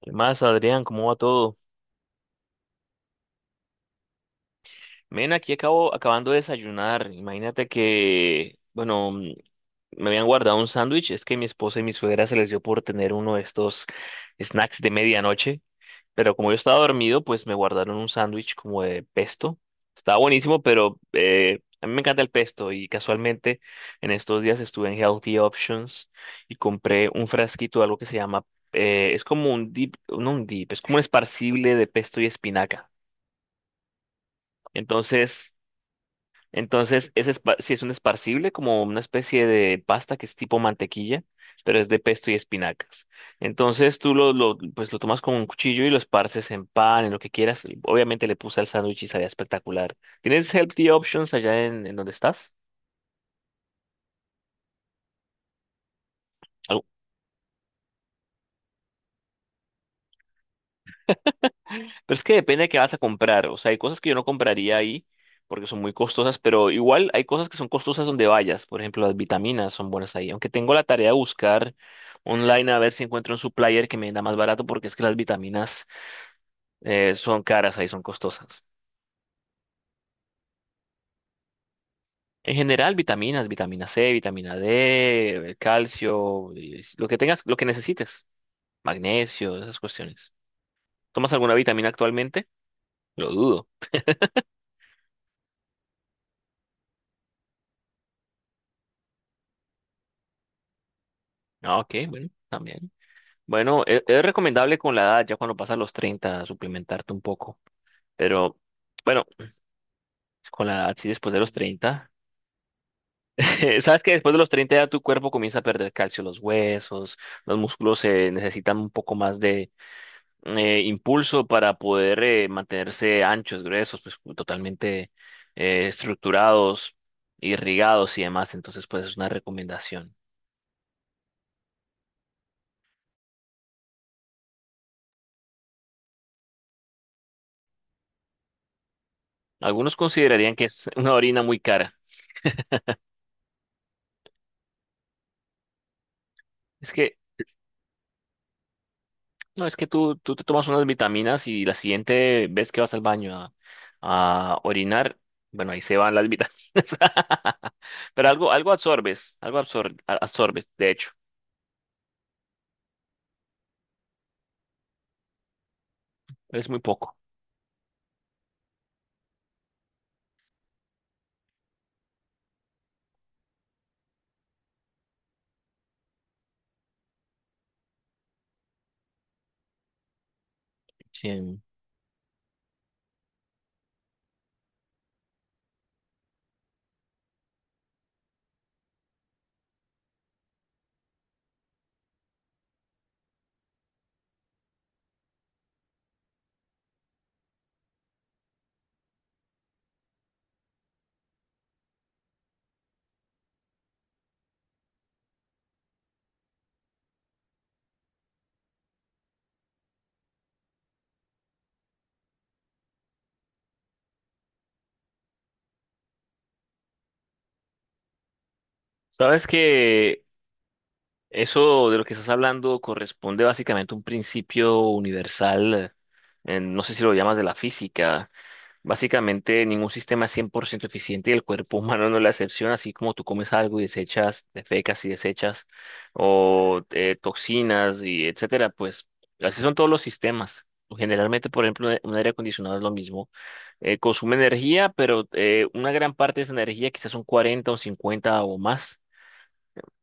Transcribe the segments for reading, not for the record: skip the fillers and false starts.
¿Qué más, Adrián? ¿Cómo va todo? Men, aquí acabo acabando de desayunar. Imagínate que, bueno, me habían guardado un sándwich. Es que mi esposa y mi suegra se les dio por tener uno de estos snacks de medianoche. Pero como yo estaba dormido, pues me guardaron un sándwich como de pesto. Estaba buenísimo, pero a mí me encanta el pesto. Y casualmente en estos días estuve en Healthy Options y compré un frasquito de algo que se llama, es como un dip, no un dip, es como un esparcible de pesto y espinaca. Entonces, entonces, sí es un esparcible, como una especie de pasta que es tipo mantequilla, pero es de pesto y espinacas. Entonces tú lo, pues lo tomas con un cuchillo y lo esparces en pan, en lo que quieras. Obviamente le puse al sándwich y sabía espectacular. ¿Tienes healthy options allá en donde estás? Pero es que depende de qué vas a comprar. O sea, hay cosas que yo no compraría ahí porque son muy costosas, pero igual hay cosas que son costosas donde vayas. Por ejemplo, las vitaminas son buenas ahí. Aunque tengo la tarea de buscar online a ver si encuentro un supplier que me da más barato porque es que las vitaminas son caras ahí, son costosas. En general, vitaminas, vitamina C, vitamina D, calcio, y lo que tengas, lo que necesites, magnesio, esas cuestiones. ¿Tomas alguna vitamina actualmente? Lo dudo. Ah, ok, bueno, también. Bueno, es recomendable con la edad, ya cuando pasas los 30 suplementarte un poco. Pero bueno, con la edad, sí, después de los 30, Sabes que después de los 30 ya tu cuerpo comienza a perder calcio, los huesos, los músculos se necesitan un poco más de impulso para poder mantenerse anchos, gruesos, pues totalmente estructurados, irrigados y demás. Entonces, pues es una recomendación. Algunos considerarían que es una orina muy cara. Es que no, es que tú te tomas unas vitaminas y la siguiente vez que vas al baño a orinar, bueno, ahí se van las vitaminas. Pero algo absorbes, de hecho, es muy poco. Sí. Sabes que eso de lo que estás hablando corresponde básicamente a un principio universal, en- no sé si lo llamas de la física. Básicamente, ningún sistema es 100% eficiente y el cuerpo humano no es la excepción, así como tú comes algo y desechas, defecas y desechas, o toxinas y etcétera, pues así son todos los sistemas. Generalmente, por ejemplo, un aire acondicionado es lo mismo. Consume energía, pero una gran parte de esa energía, quizás un 40 o 50 o más,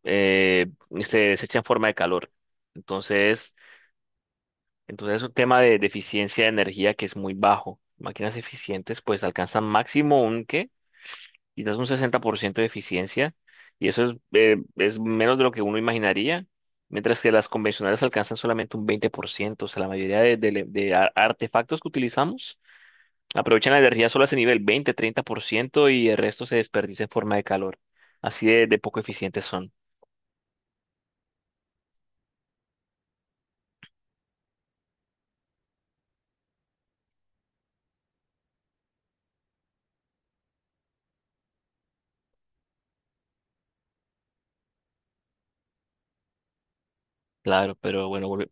eh, se desecha en forma de calor. Entonces, entonces, es un tema de eficiencia de energía que es muy bajo. Máquinas eficientes, pues alcanzan máximo un ¿qué? Quizás un 60% de eficiencia, y eso es menos de lo que uno imaginaría, mientras que las convencionales alcanzan solamente un 20%, o sea, la mayoría de artefactos que utilizamos aprovechan la energía solar a ese nivel, 20 30%, y el resto se desperdicia en forma de calor. Así de poco eficientes son, claro, pero bueno,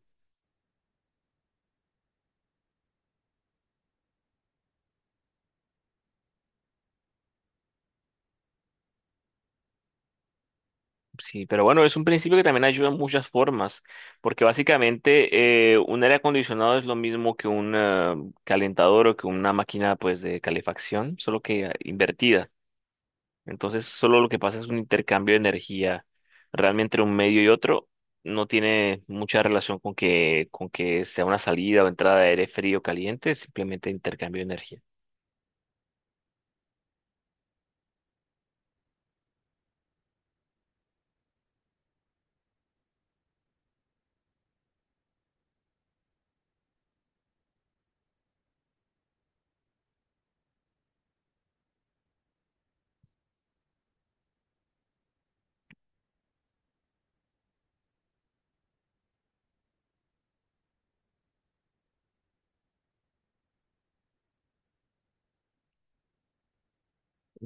sí, pero bueno, es un principio que también ayuda en muchas formas, porque básicamente un aire acondicionado es lo mismo que un calentador o que una máquina pues de calefacción, solo que invertida. Entonces, solo lo que pasa es un intercambio de energía realmente entre un medio y otro. No tiene mucha relación con que, sea una salida o entrada de aire frío o caliente, simplemente intercambio de energía.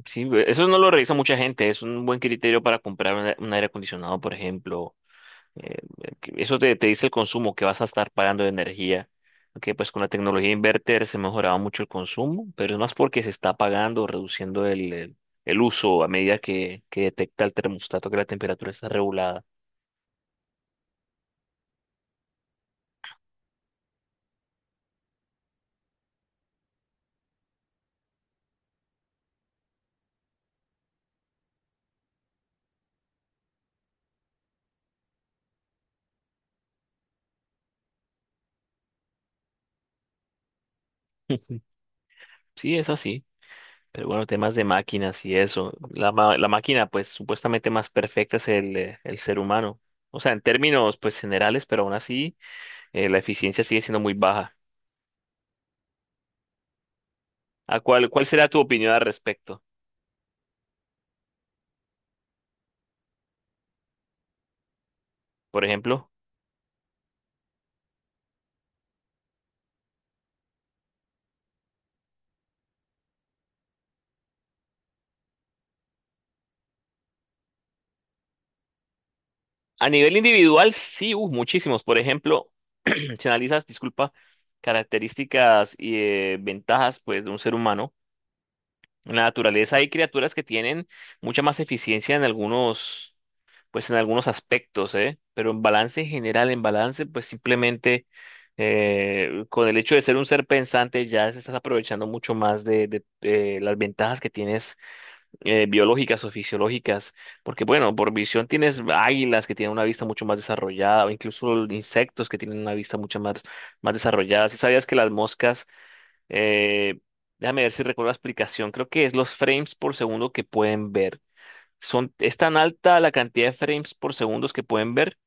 Sí, eso no lo revisa mucha gente, es un buen criterio para comprar un aire acondicionado, por ejemplo. Eh, que eso te, te dice el consumo que vas a estar pagando de energía. Aunque pues con la tecnología inverter se mejoraba mucho el consumo, pero es más porque se está pagando, reduciendo el uso a medida que detecta el termostato que la temperatura está regulada. Sí, es así. Pero bueno, temas de máquinas y eso. La máquina, pues supuestamente más perfecta es el ser humano. O sea, en términos pues generales, pero aún así la eficiencia sigue siendo muy baja. ¿A cuál será tu opinión al respecto? Por ejemplo. A nivel individual, sí, muchísimos. Por ejemplo, si analizas, disculpa, características y ventajas pues, de un ser humano, en la naturaleza hay criaturas que tienen mucha más eficiencia en algunos, pues, en algunos aspectos, ¿eh? Pero en balance general, en balance, pues simplemente con el hecho de ser un ser pensante ya se estás aprovechando mucho más de, las ventajas que tienes biológicas o fisiológicas, porque bueno, por visión tienes águilas que tienen una vista mucho más desarrollada, o incluso insectos que tienen una vista mucho más, más desarrollada. Si sabías que las moscas, eh, déjame ver si recuerdo la explicación, creo que es los frames por segundo que pueden ver. Son, es tan alta la cantidad de frames por segundo que pueden ver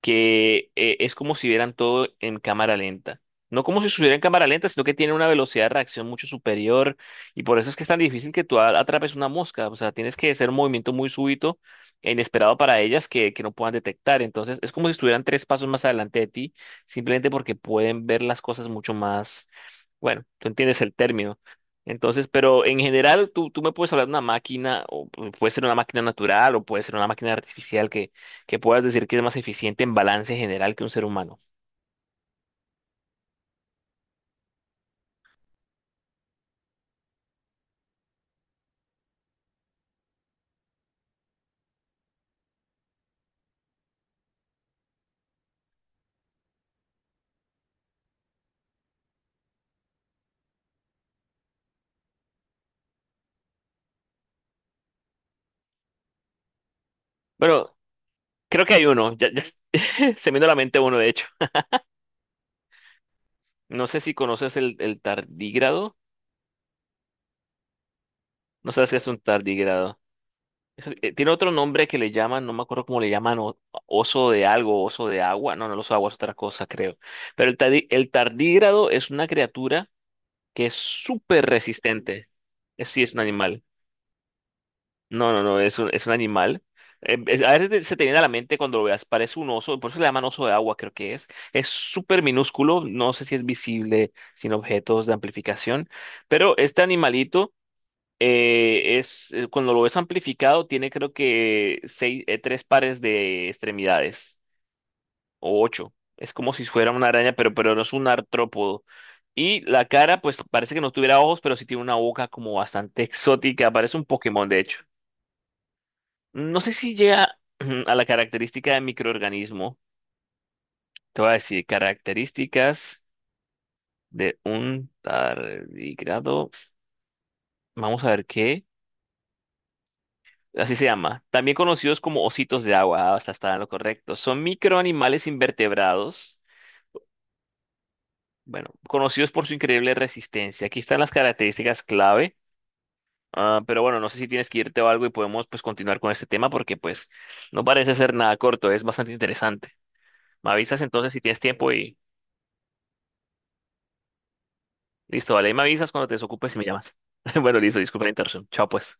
que es como si vieran todo en cámara lenta. No como si estuviera en cámara lenta, sino que tiene una velocidad de reacción mucho superior y por eso es que es tan difícil que tú atrapes una mosca. O sea, tienes que hacer un movimiento muy súbito e inesperado para ellas que no puedan detectar. Entonces, es como si estuvieran tres pasos más adelante de ti, simplemente porque pueden ver las cosas mucho más. Bueno, tú entiendes el término. Entonces, pero en general, tú me puedes hablar de una máquina, o puede ser una máquina natural, o puede ser una máquina artificial que puedas decir que es más eficiente en balance general que un ser humano. Pero creo que hay uno, ya, ya se me vino a la mente uno, de hecho. No sé si conoces el tardígrado, no sé si es un tardígrado. Eso- tiene otro nombre que le llaman, no me acuerdo cómo le llaman, o- oso de algo, oso de agua, no, no, el oso de agua es otra cosa, creo. Pero el, el tardígrado es una criatura que es súper resistente. Sí, es un animal. No, no, no, es un, animal. Es- a veces se te viene a la mente cuando lo veas, parece un oso, por eso le llaman oso de agua, creo que es. Es súper minúsculo, no sé si es visible sin objetos de amplificación, pero este animalito es, cuando lo ves amplificado, tiene creo que seis, tres pares de extremidades o ocho. Es como si fuera una araña, pero no es un artrópodo. Y la cara, pues parece que no tuviera ojos, pero sí tiene una boca como bastante exótica. Parece un Pokémon, de hecho. No sé si llega a la característica de microorganismo. Te voy a decir características de un tardígrado. Vamos a ver qué. Así se llama. También conocidos como ositos de agua. Hasta está en lo correcto. Son microanimales invertebrados. Bueno, conocidos por su increíble resistencia. Aquí están las características clave. Ah, pero bueno, no sé si tienes que irte o algo y podemos pues continuar con este tema porque pues no parece ser nada corto, es bastante interesante. Me avisas entonces si tienes tiempo y listo, vale, ahí me avisas cuando te desocupes y me llamas. Bueno, listo, disculpa la interrupción. Chao pues.